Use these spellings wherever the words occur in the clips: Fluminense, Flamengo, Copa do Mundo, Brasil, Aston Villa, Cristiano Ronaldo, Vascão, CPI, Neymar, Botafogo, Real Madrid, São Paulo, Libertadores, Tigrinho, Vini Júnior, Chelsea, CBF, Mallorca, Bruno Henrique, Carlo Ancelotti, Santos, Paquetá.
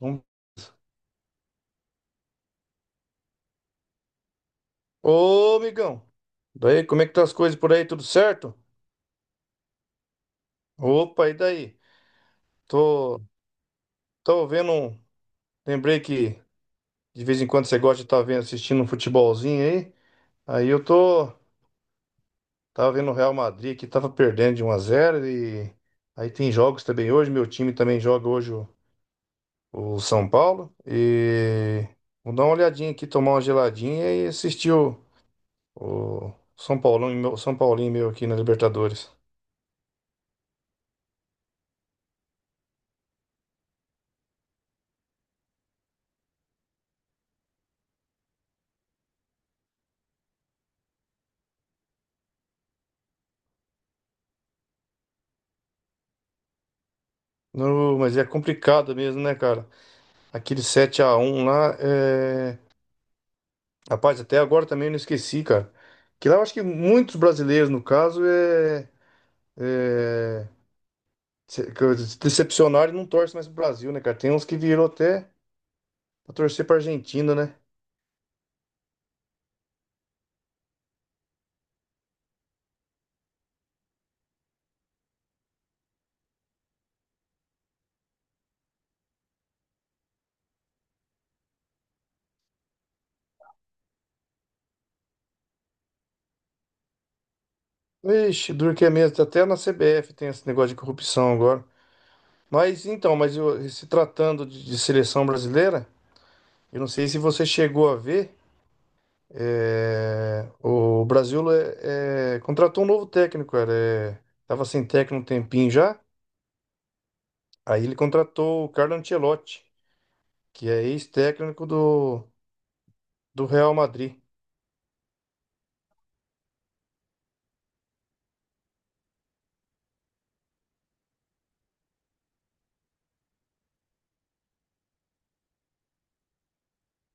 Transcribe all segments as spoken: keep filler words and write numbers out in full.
Vamos- Ô, amigão. Daí, como é que tá as coisas por aí? Tudo certo? Opa, e daí? Tô, tô vendo. um- Lembrei que de vez em quando você gosta de estar vendo, assistindo um futebolzinho aí. Aí eu tô. Tava vendo o Real Madrid que tava perdendo de um a zero e aí tem jogos também hoje. Meu time também joga hoje o, o São Paulo. E vou dar uma olhadinha aqui, tomar uma geladinha e assistir o, o São Paulão, e meu- São Paulinho meu aqui na Libertadores. Não, mas é complicado mesmo, né, cara? Aquele sete a um lá, é... rapaz, até agora também eu não esqueci, cara. Que lá eu acho que muitos brasileiros, no caso, é... é... se que se decepcionaram e não torcem mais pro Brasil, né, cara? Tem uns que virou até pra torcer pra Argentina, né? Ixi, duro que é mesmo. Até na C B F tem esse negócio de corrupção agora. Mas então, mas eu- se tratando de de seleção brasileira, eu não sei se você chegou a ver. É, o Brasil é, é, contratou um novo técnico, cara. É, tava sem técnico um tempinho já. Aí ele contratou o Carlo Ancelotti, que é ex-técnico do, do Real Madrid.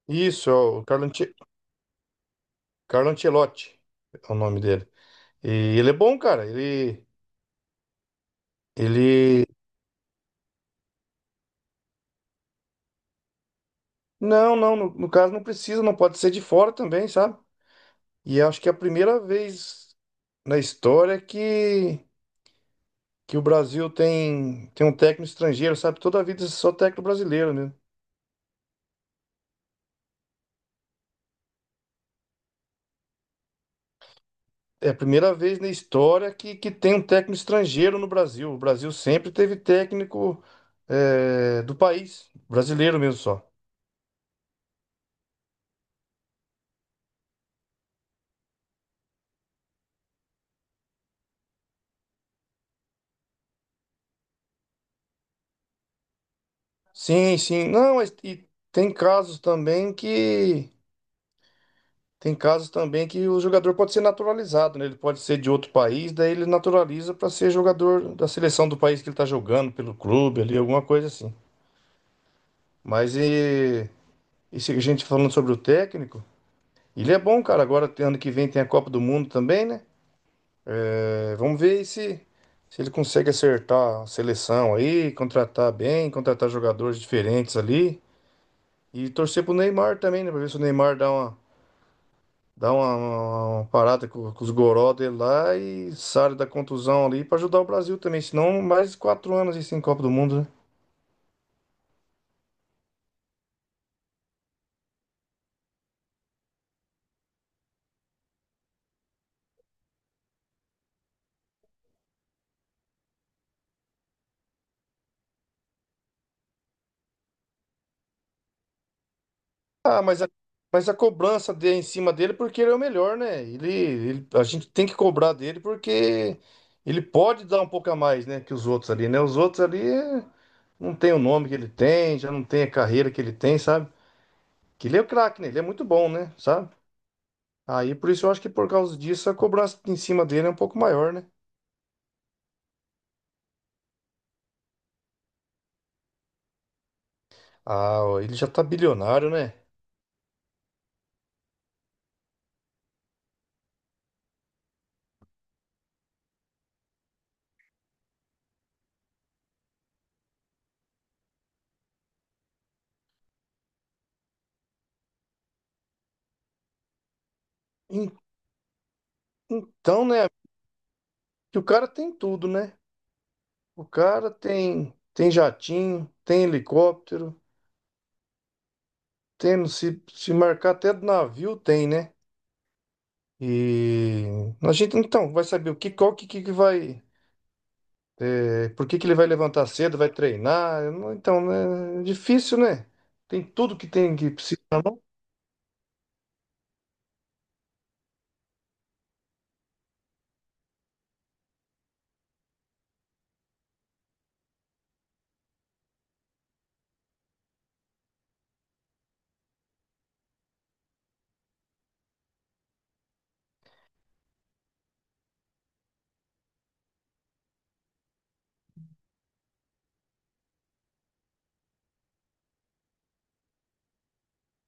Isso, é o Carlo, Ance- Carlo Ancelotti é o nome dele. E ele é bom, cara. Ele, ele... Não, não, no, no caso não precisa, não pode ser de fora também, sabe? E acho que é a primeira vez na história que que o Brasil tem, tem um técnico estrangeiro, sabe? Toda a vida só técnico brasileiro, né? É a primeira vez na história que, que tem um técnico estrangeiro no Brasil. O Brasil sempre teve técnico é, do país, brasileiro mesmo só. Sim, sim. Não, mas e tem casos também que. Tem casos também que o jogador pode ser naturalizado, né? Ele pode ser de outro país, daí ele naturaliza para ser jogador da seleção do país que ele tá jogando, pelo clube ali, alguma coisa assim. Mas e Esse, a gente tá falando sobre o técnico, ele é bom, cara. Agora, tem- ano que vem tem a Copa do Mundo também, né? É, vamos ver aí se, se ele consegue acertar a seleção aí, contratar bem, contratar jogadores diferentes ali. E torcer pro Neymar também, né? Pra ver se o Neymar dá uma, dá uma, uma- uma parada com, com os goró dele lá e sai da contusão ali pra ajudar o Brasil também. Senão, mais quatro anos aí sem Copa do Mundo, né? Ah, mas a, mas a cobrança de, em cima dele porque ele é o melhor, né? Ele, ele- a gente tem que cobrar dele porque ele pode dar um pouco a mais, né, que os outros ali, né? Os outros ali eh, não tem o nome que ele tem, já não tem a carreira que ele tem, sabe? Que ele é o craque, né? Ele é muito bom, né? Sabe? Aí por isso eu acho que por causa disso a cobrança em cima dele é um pouco maior, né? Ah, ó, ele já tá bilionário, né? En- Então, né? Que o cara tem tudo, né? O cara tem tem jatinho, tem helicóptero. Tem, se, se marcar até do navio, tem, né? E a gente então vai saber o que, qual que, que que vai. É, por que que ele vai levantar cedo, vai treinar? Eu não- Então, né, é difícil, né? Tem tudo que tem que precisa na mão.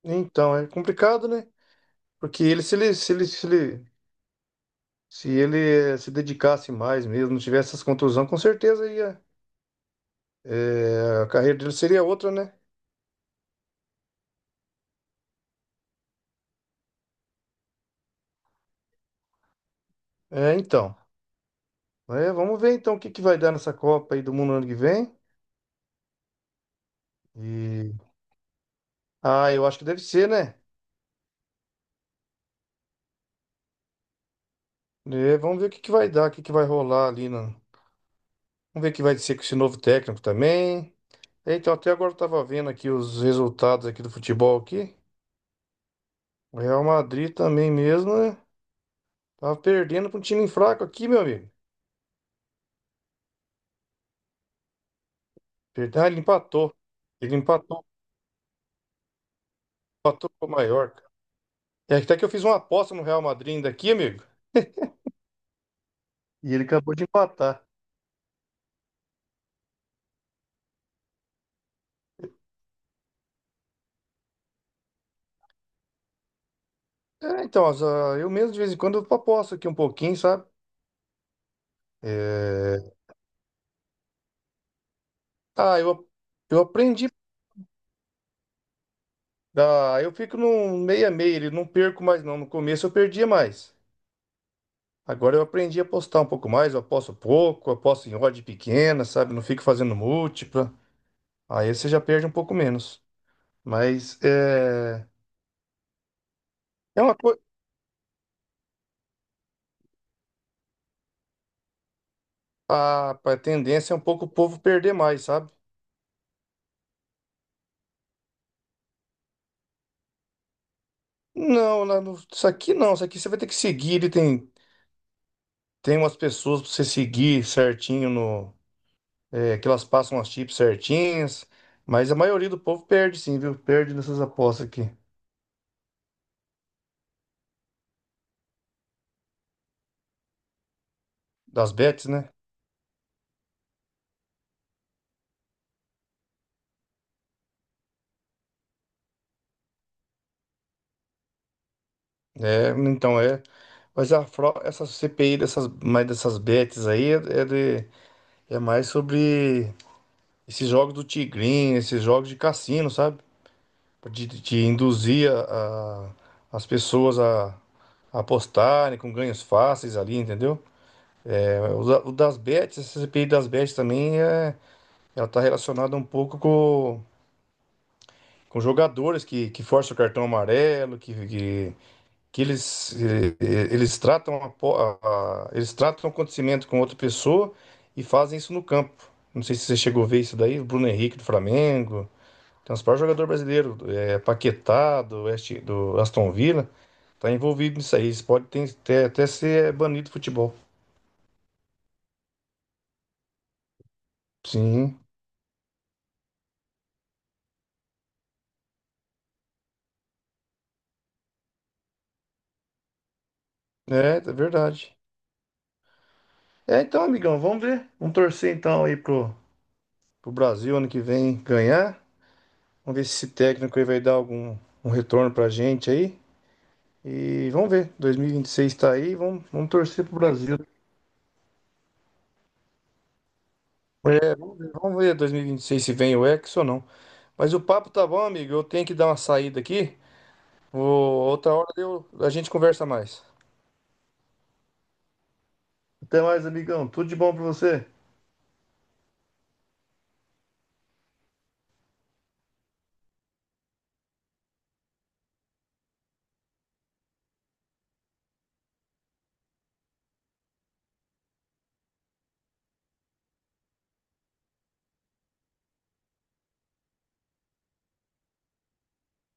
Então, é complicado, né? Porque ele, se ele, se ele, se ele, se ele eh, se dedicasse mais mesmo, não tivesse essas contusões, com certeza ia. eh, a carreira dele seria outra, né? É, então. É, vamos ver então o que que vai dar nessa Copa aí do Mundo ano que vem. Ah, eu acho que deve ser, né? É, vamos ver o que que vai dar, o que que vai rolar ali. No... Vamos ver o que vai ser com esse novo técnico também. É, então, até agora eu tava vendo aqui os resultados aqui do futebol aqui. O Real Madrid também mesmo, né? Tava perdendo para um time fraco aqui, meu amigo. Perdão, ele empatou. Ele empatou, empatou com o Mallorca. É até que eu fiz uma aposta no Real Madrid ainda aqui, amigo. E ele acabou de empatar. É, então, as- ah, eu mesmo de vez em quando eu aposto aqui um pouquinho, sabe? É, Ah, eu, eu aprendi Dá- eu fico no meio a meio, ele não perco mais não. No começo eu perdia mais. Agora eu aprendi a apostar um pouco mais, eu aposto pouco, eu aposto em odd pequena, sabe? Não fico fazendo múltipla. Aí você já perde um pouco menos. Mas é, é uma coisa. A, a tendência é um pouco o povo perder mais, sabe? Não, lá no- isso aqui não, isso aqui você vai ter que seguir. Ele tem, tem umas pessoas pra você seguir certinho no. é, que elas passam as chips certinhas. Mas a maioria do povo perde sim, viu? Perde nessas apostas aqui. Das bets, né? É, então é. Mas a fro- essa C P I dessas, mais dessas bets aí é, é de- é mais sobre esses jogos do Tigrinho, esses jogos de cassino, sabe? De, de de induzir a- a- as pessoas a, a apostarem com ganhos fáceis ali, entendeu? É, o, da- o das bets, essa C P I das bets também é, ela tá relacionada um pouco com, com jogadores que, que forçam o cartão amarelo, que que eles, eh, eh, eles tratam a, po- a- a- eles tratam o acontecimento com outra pessoa e fazem isso no campo. Não sei se você chegou a ver isso daí, o Bruno Henrique do Flamengo, tem uns vários jogador brasileiro, é, Paquetá do, West, do Aston Villa, tá envolvido nisso aí. Isso pode ter, ter- até ser banido do futebol. Sim, é, é verdade. É, então, amigão, vamos ver. Vamos torcer então aí pro, pro Brasil ano que vem ganhar. Vamos ver se esse técnico aí vai dar algum um retorno pra gente aí. E vamos ver, dois mil e vinte e seis tá aí, vamos, vamos torcer pro Brasil. É, vamos ver, vamos ver dois mil e vinte e seis se vem o Hexa ou não. Mas o papo tá bom, amigo. Eu tenho que dar uma saída aqui. Vou- outra hora eu- a gente conversa mais. Até mais, amigão. Tudo de bom pra você.